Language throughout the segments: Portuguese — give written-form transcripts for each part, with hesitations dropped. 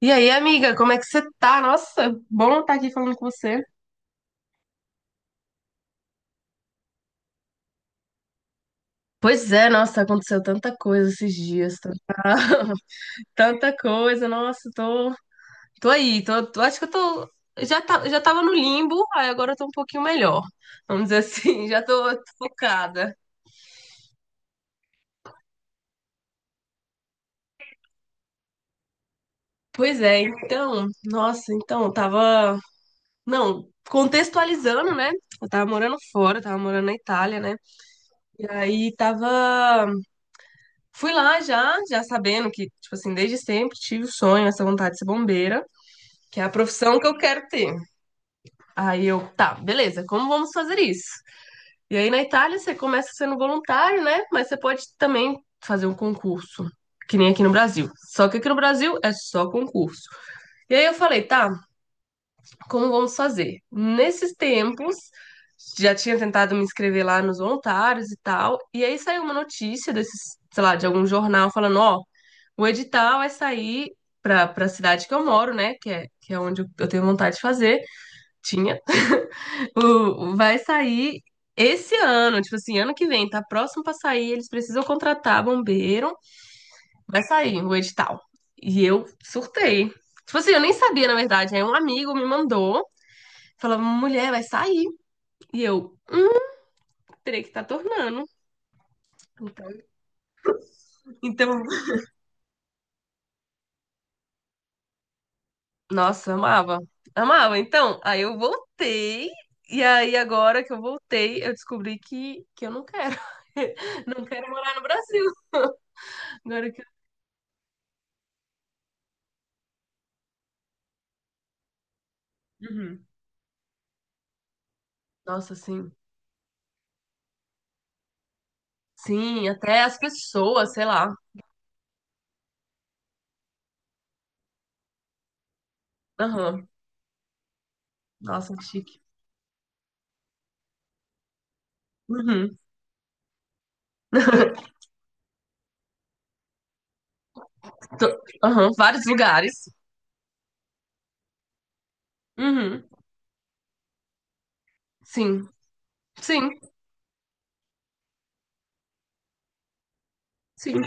E aí, amiga, como é que você tá? Nossa, bom estar aqui falando com você. Pois é, nossa, aconteceu tanta coisa esses dias, tanta, tanta coisa, nossa, tô aí, acho que eu tô, já tava no limbo, aí agora eu tô um pouquinho melhor, vamos dizer assim, já tô focada. Pois é, então, nossa, então, eu tava, não, contextualizando, né, eu tava morando fora, tava morando na Itália, né, e aí tava fui lá já sabendo que, tipo assim, desde sempre tive o sonho, essa vontade de ser bombeira, que é a profissão que eu quero ter. Aí eu, tá, beleza, como vamos fazer isso? E aí na Itália você começa sendo voluntário, né? Mas você pode também fazer um concurso, que nem aqui no Brasil. Só que aqui no Brasil é só concurso. E aí eu falei, tá, como vamos fazer? Nesses tempos, já tinha tentado me inscrever lá nos voluntários e tal, e aí saiu uma notícia desses, sei lá, de algum jornal falando, ó, o edital vai sair para a cidade que eu moro, né, que é onde eu tenho vontade de fazer, tinha, vai sair esse ano, tipo assim, ano que vem, tá próximo para sair, eles precisam contratar bombeiro, vai sair o edital. E eu surtei. Tipo assim, eu nem sabia, na verdade, aí um amigo me mandou, falava, mulher, vai sair. E eu, Peraí que tá tornando. Então, então, nossa, amava. Amava. Então, aí eu voltei. E aí, agora que eu voltei, eu descobri que, eu não quero. Não quero morar no Brasil. Agora que... eu- Uhum. Nossa, sim. Sim, até as pessoas, sei lá. Aham. Nossa, que chique. Uhum. Aham. Vários lugares. Uhum. Sim, sim, sim.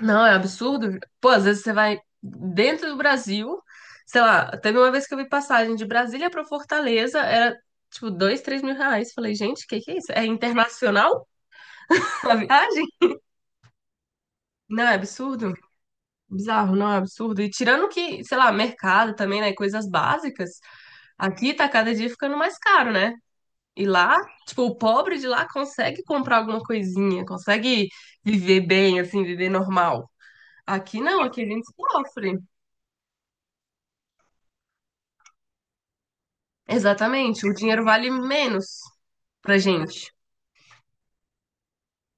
Não, é um absurdo. Pô, às vezes você vai dentro do Brasil, sei lá, teve uma vez que eu vi passagem de Brasília pra Fortaleza, era tipo dois, 3.000 reais. Falei, gente, o que que é isso? É internacional a viagem? Não, é absurdo. Bizarro, não é um absurdo. E tirando que, sei lá, mercado também, né? Coisas básicas, aqui tá cada dia ficando mais caro, né? E lá, tipo, o pobre de lá consegue comprar alguma coisinha, consegue viver bem, assim, viver normal. Aqui não, aqui a gente sofre. Exatamente, o dinheiro vale menos pra gente.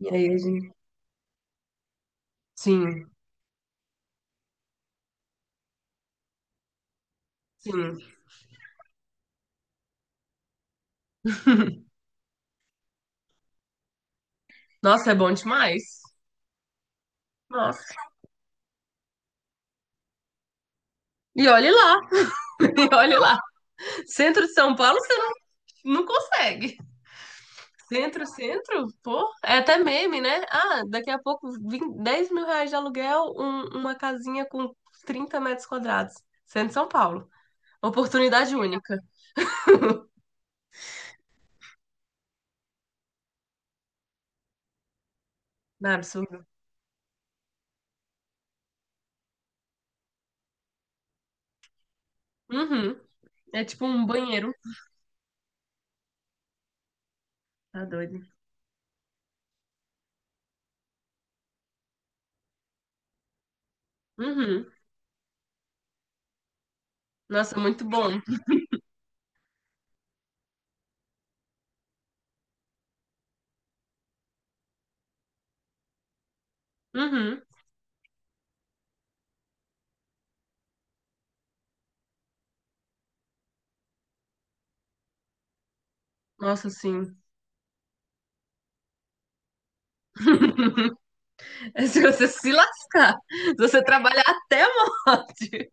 E aí a gente. Sim, sim. Nossa, é bom demais. Nossa. E olhe lá, e olhe lá. Centro de São Paulo você não consegue. Centro, centro, pô, é até meme, né? Ah, daqui a pouco 10 mil reais de aluguel, uma casinha com 30 metros quadrados. Centro de São Paulo. Oportunidade única. Não é absurdo? Uhum. É tipo um banheiro. Tá doido. Uhum. Nossa, muito bom. Uhum. Nossa, sim. É se você se lascar, se você trabalhar até a morte.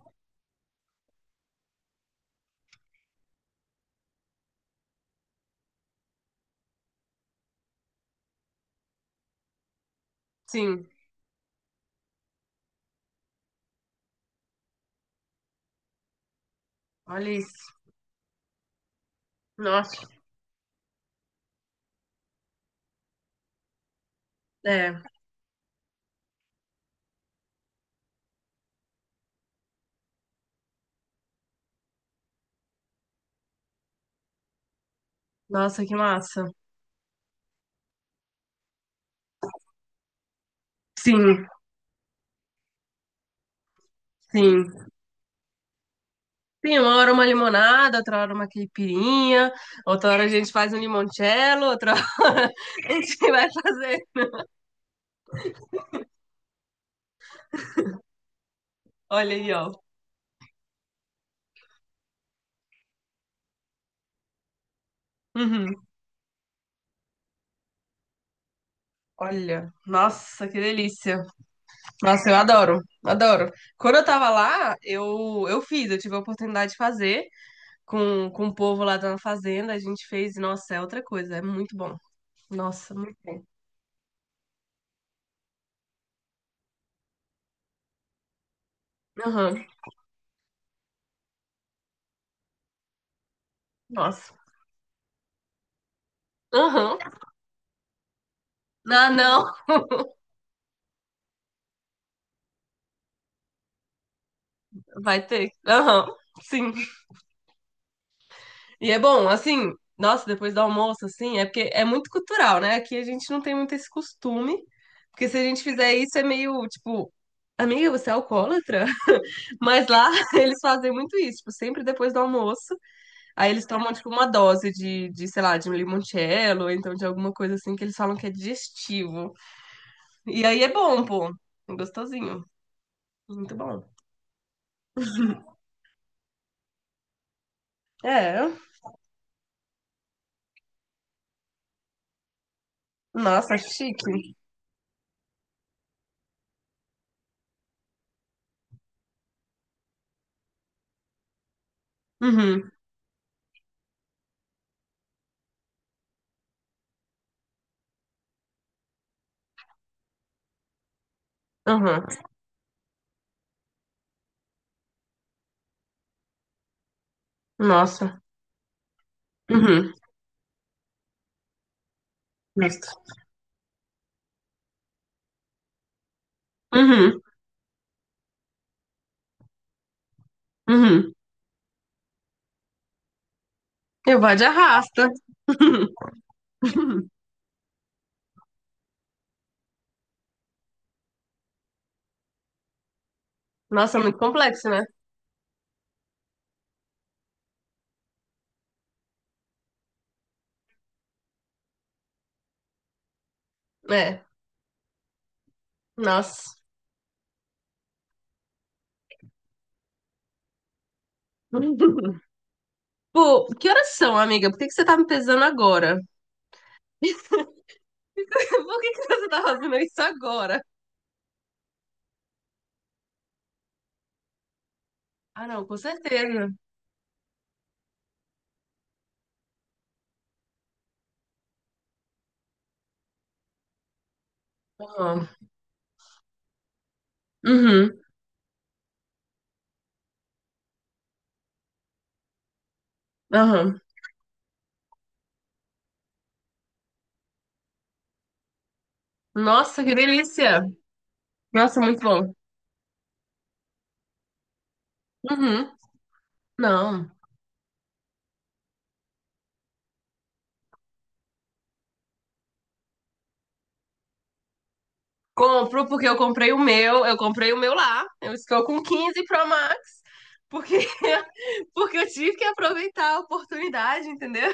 Sim, olha isso. Nossa, é. Nossa, que massa. Sim, sim. Sim, uma hora uma limonada, outra hora uma caipirinha, outra hora a gente faz um limoncello, outra hora a gente vai fazer. Olha aí, ó. Uhum. Olha, nossa, que delícia. Nossa, eu adoro, adoro. Quando eu tava lá, eu fiz, eu tive a oportunidade de fazer com o povo lá da fazenda, a gente fez, e, nossa, é outra coisa, é muito bom. Nossa, muito bom. Aham, nossa. Aham. Ah, não, vai ter. Aham, sim. E é bom, assim, nossa, depois do almoço, assim, é porque é muito cultural, né? Aqui a gente não tem muito esse costume, porque se a gente fizer isso é meio, tipo, amiga, você é alcoólatra? Mas lá eles fazem muito isso, tipo, sempre depois do almoço. Aí eles tomam, tipo, uma dose sei lá, de um limoncello, ou então de alguma coisa assim que eles falam que é digestivo. E aí é bom, pô. Gostosinho. Muito bom. É. Nossa, chique. Uhum, uhum. Nossa. Uhum. Gosto. Uhum, uhum. Eu vou de arrasta. Nossa, é muito complexo, né? É. Nossa. Pô, que horas são, amiga? Por que que você tá me pesando agora? Por que que você tá fazendo isso agora? Ah, não, com certeza. Aham. Uhum. Aham. Nossa, que delícia! Nossa, muito bom. Uhum. Não. Compro porque eu comprei o meu lá. Eu estou com 15 Pro Max, porque, porque eu tive que aproveitar a oportunidade, entendeu?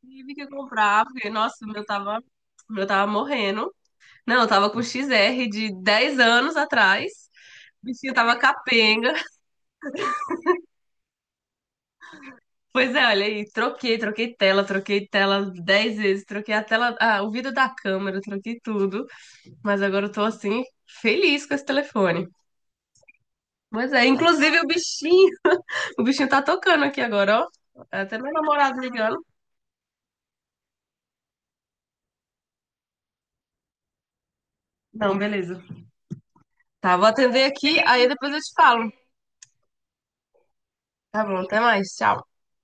Tive que comprar, porque, nossa, o meu tava, morrendo. Não, eu tava com XR de 10 anos atrás. O bichinho tava capenga. Pois é, olha aí, troquei tela 10 vezes, troquei a tela, ah, o vidro da câmera, troquei tudo. Mas agora eu tô assim, feliz com esse telefone. Mas é, inclusive o bichinho, tá tocando aqui agora, ó. É. Até meu namorado ligando. Não, beleza. Tá, vou atender aqui, aí depois eu te falo. Tá bom, até mais. Tchau.